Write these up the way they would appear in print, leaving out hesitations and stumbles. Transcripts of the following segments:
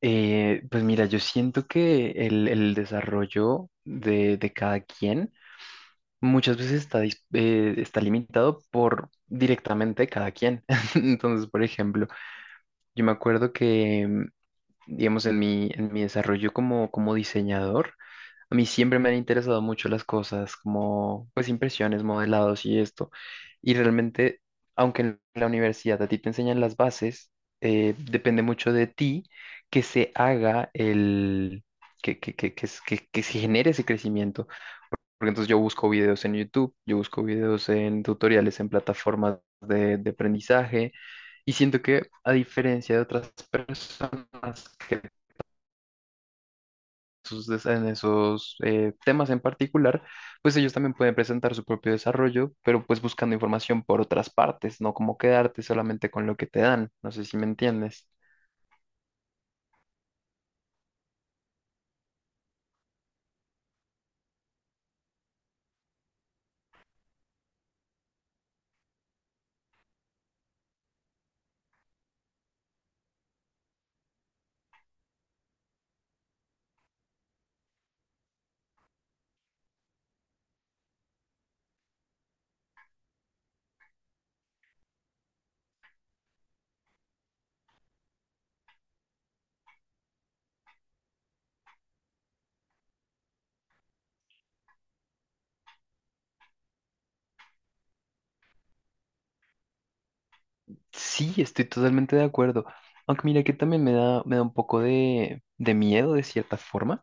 Pues mira, yo siento que el desarrollo de cada quien muchas veces está, está limitado por directamente cada quien. Entonces, por ejemplo, yo me acuerdo que, digamos, en mi desarrollo como diseñador, a mí siempre me han interesado mucho las cosas como, pues, impresiones, modelados y esto. Y realmente, aunque en la universidad a ti te enseñan las bases, depende mucho de ti que se haga el, que se genere ese crecimiento. Porque entonces yo busco videos en YouTube, yo busco videos en tutoriales, en plataformas de aprendizaje. Y siento que a diferencia de otras personas en esos temas en particular, pues ellos también pueden presentar su propio desarrollo, pero pues buscando información por otras partes, no como quedarte solamente con lo que te dan. No sé si me entiendes. Sí, estoy totalmente de acuerdo. Aunque mira que también me da un poco de miedo de cierta forma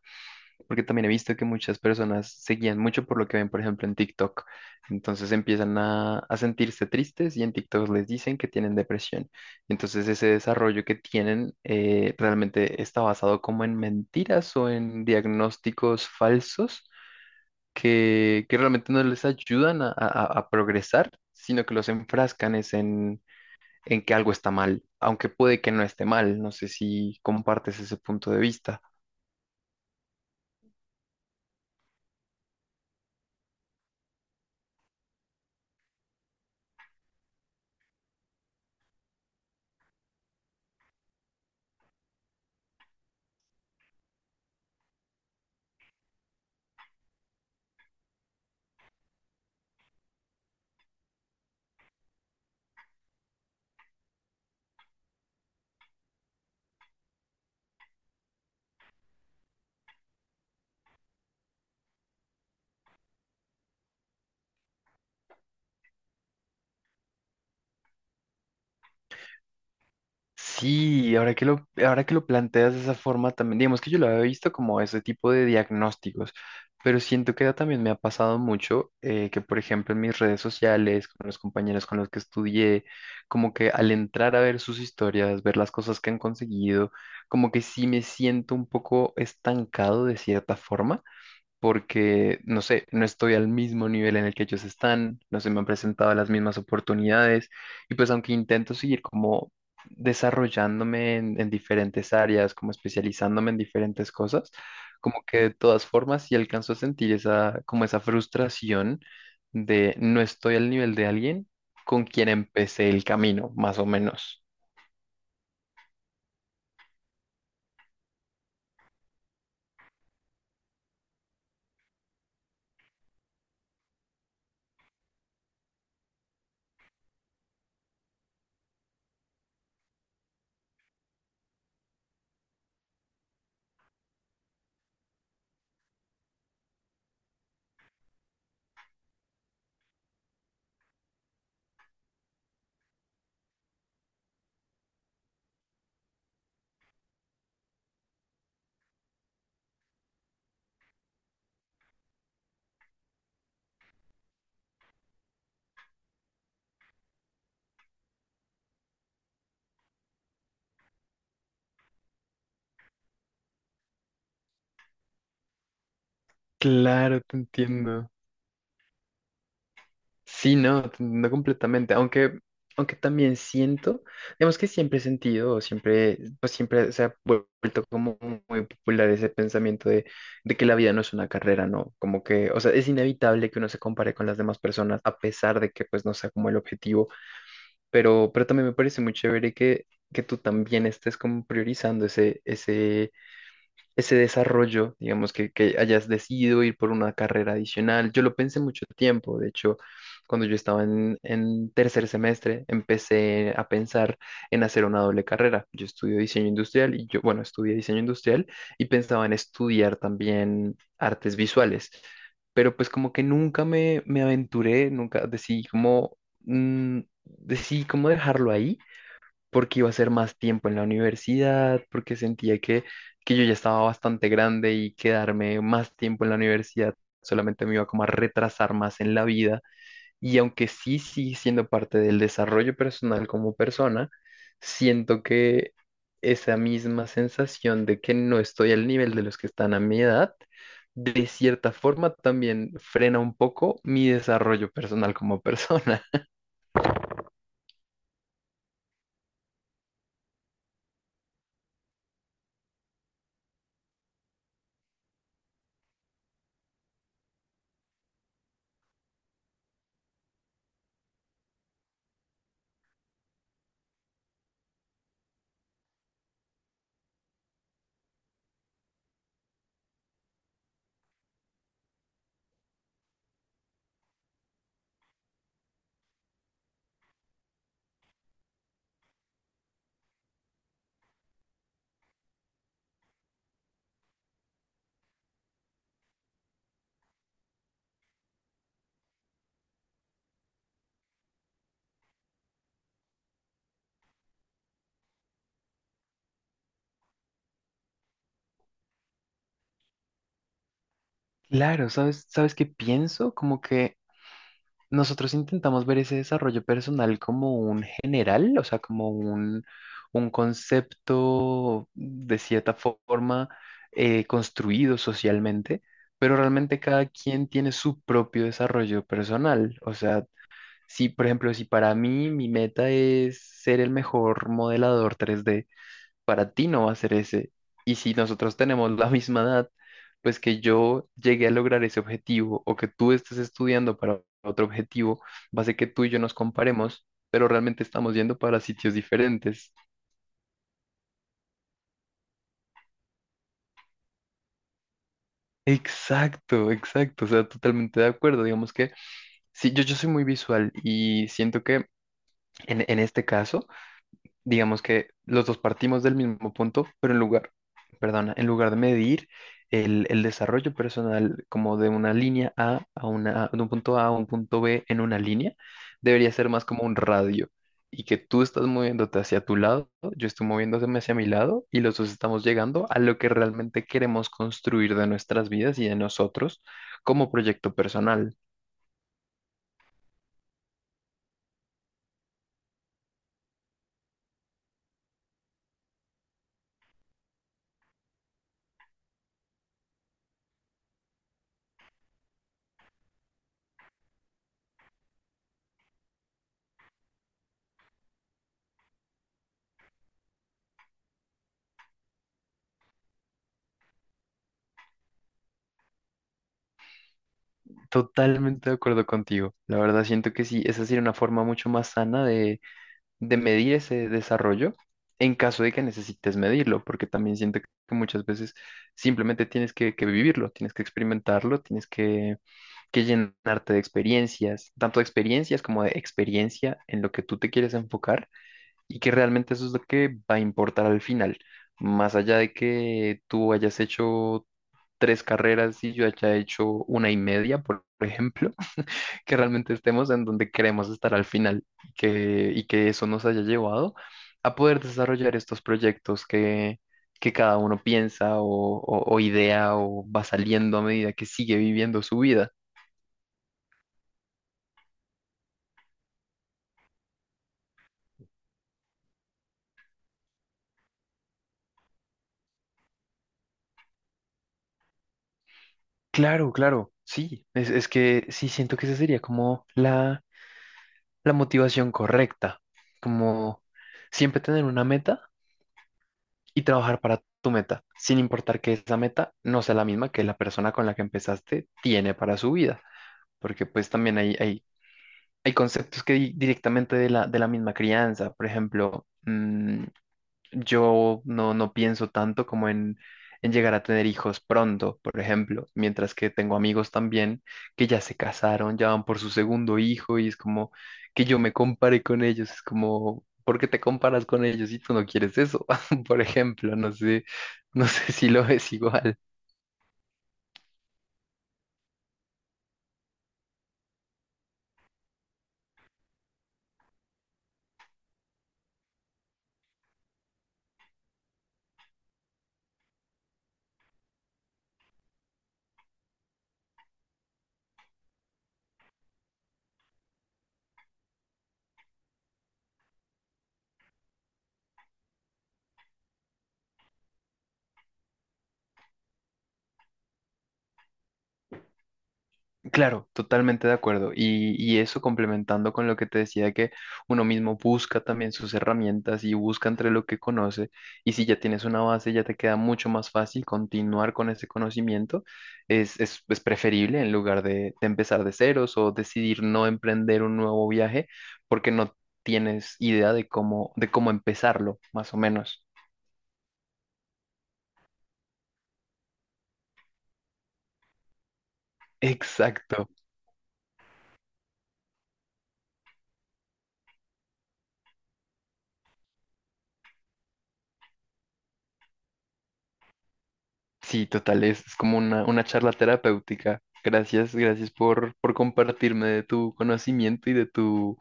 porque también he visto que muchas personas se guían mucho por lo que ven, por ejemplo, en TikTok. Entonces empiezan a sentirse tristes y en TikTok les dicen que tienen depresión. Entonces ese desarrollo que tienen realmente está basado como en mentiras o en diagnósticos falsos que realmente no les ayudan a progresar, sino que los enfrascan es en que algo está mal, aunque puede que no esté mal. No sé si compartes ese punto de vista. Sí, ahora que lo planteas de esa forma también, digamos que yo lo había visto como ese tipo de diagnósticos, pero siento que también me ha pasado mucho que, por ejemplo, en mis redes sociales, con los compañeros con los que estudié, como que al entrar a ver sus historias, ver las cosas que han conseguido, como que sí me siento un poco estancado de cierta forma porque, no sé, no estoy al mismo nivel en el que ellos están, no se me han presentado las mismas oportunidades y pues aunque intento seguir como desarrollándome en diferentes áreas, como especializándome en diferentes cosas, como que de todas formas sí alcanzo a sentir esa, como esa frustración de no estoy al nivel de alguien con quien empecé el camino, más o menos. Claro, te entiendo. Sí, no, no completamente, aunque también siento, digamos que siempre he sentido, o siempre, pues siempre se ha vuelto como muy popular ese pensamiento de que la vida no es una carrera, ¿no? Como que, o sea, es inevitable que uno se compare con las demás personas a pesar de que pues no sea como el objetivo, pero también me parece muy chévere que tú también estés como priorizando ese desarrollo, digamos, que hayas decidido ir por una carrera adicional. Yo lo pensé mucho tiempo, de hecho, cuando yo estaba en tercer semestre, empecé a pensar en hacer una doble carrera. Yo estudio diseño industrial y yo, bueno, estudié diseño industrial y pensaba en estudiar también artes visuales, pero pues como que nunca me aventuré, nunca decidí como dejarlo ahí porque iba a ser más tiempo en la universidad, porque sentía que yo ya estaba bastante grande y quedarme más tiempo en la universidad solamente me iba como a retrasar más en la vida. Y aunque sí sigue siendo parte del desarrollo personal como persona, siento que esa misma sensación de que no estoy al nivel de los que están a mi edad, de cierta forma también frena un poco mi desarrollo personal como persona. Claro, ¿sabes? ¿Sabes qué pienso? Como que nosotros intentamos ver ese desarrollo personal como un general, o sea, como un concepto de cierta forma construido socialmente, pero realmente cada quien tiene su propio desarrollo personal. O sea, si, por ejemplo, si para mí mi meta es ser el mejor modelador 3D para ti no va a ser ese. Y si nosotros tenemos la misma edad, pues que yo llegué a lograr ese objetivo o que tú estés estudiando para otro objetivo, va a ser que tú y yo nos comparemos, pero realmente estamos yendo para sitios diferentes. Exacto, exacto, o sea, totalmente de acuerdo. Digamos que sí, yo soy muy visual y siento que en este caso digamos que los dos partimos del mismo punto, pero en lugar, perdona, en lugar de medir el desarrollo personal como de una línea A a una, de un punto A a un punto B en una línea, debería ser más como un radio y que tú estás moviéndote hacia tu lado, yo estoy moviéndome hacia mi lado y los dos estamos llegando a lo que realmente queremos construir de nuestras vidas y de nosotros como proyecto personal. Totalmente de acuerdo contigo. La verdad siento que sí, esa sería una forma mucho más sana de medir ese desarrollo en caso de que necesites medirlo, porque también siento que muchas veces simplemente tienes que vivirlo, tienes que experimentarlo, tienes que llenarte de experiencias, tanto de experiencias como de experiencia en lo que tú te quieres enfocar y que realmente eso es lo que va a importar al final, más allá de que tú hayas hecho tres carreras y yo haya hecho una y media, por ejemplo, que realmente estemos en donde queremos estar al final, y que eso nos haya llevado a poder desarrollar estos proyectos que cada uno piensa o idea o va saliendo a medida que sigue viviendo su vida. Claro, claro, sí, es que sí siento que esa sería como la motivación correcta, como siempre tener una meta y trabajar para tu meta, sin importar que esa meta no sea la misma que la persona con la que empezaste tiene para su vida, porque pues también hay conceptos que directamente de la misma crianza. Por ejemplo, yo no, no pienso tanto como en llegar a tener hijos pronto, por ejemplo, mientras que tengo amigos también que ya se casaron, ya van por su segundo hijo y es como que yo me compare con ellos, es como ¿por qué te comparas con ellos si tú no quieres eso? Por ejemplo, no sé, no sé si lo ves igual. Claro, totalmente de acuerdo. Y eso complementando con lo que te decía, que uno mismo busca también sus herramientas y busca entre lo que conoce. Y si ya tienes una base, ya te queda mucho más fácil continuar con ese conocimiento. Es preferible en lugar de empezar de ceros o decidir no emprender un nuevo viaje porque no tienes idea de cómo empezarlo, más o menos. Exacto. Sí, total, es como una charla terapéutica. Gracias, gracias por compartirme de tu conocimiento y de tu,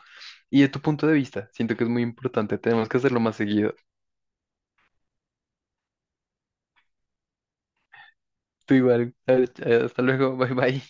y de tu punto de vista. Siento que es muy importante, tenemos que hacerlo más seguido. Tú igual, hasta luego, bye bye.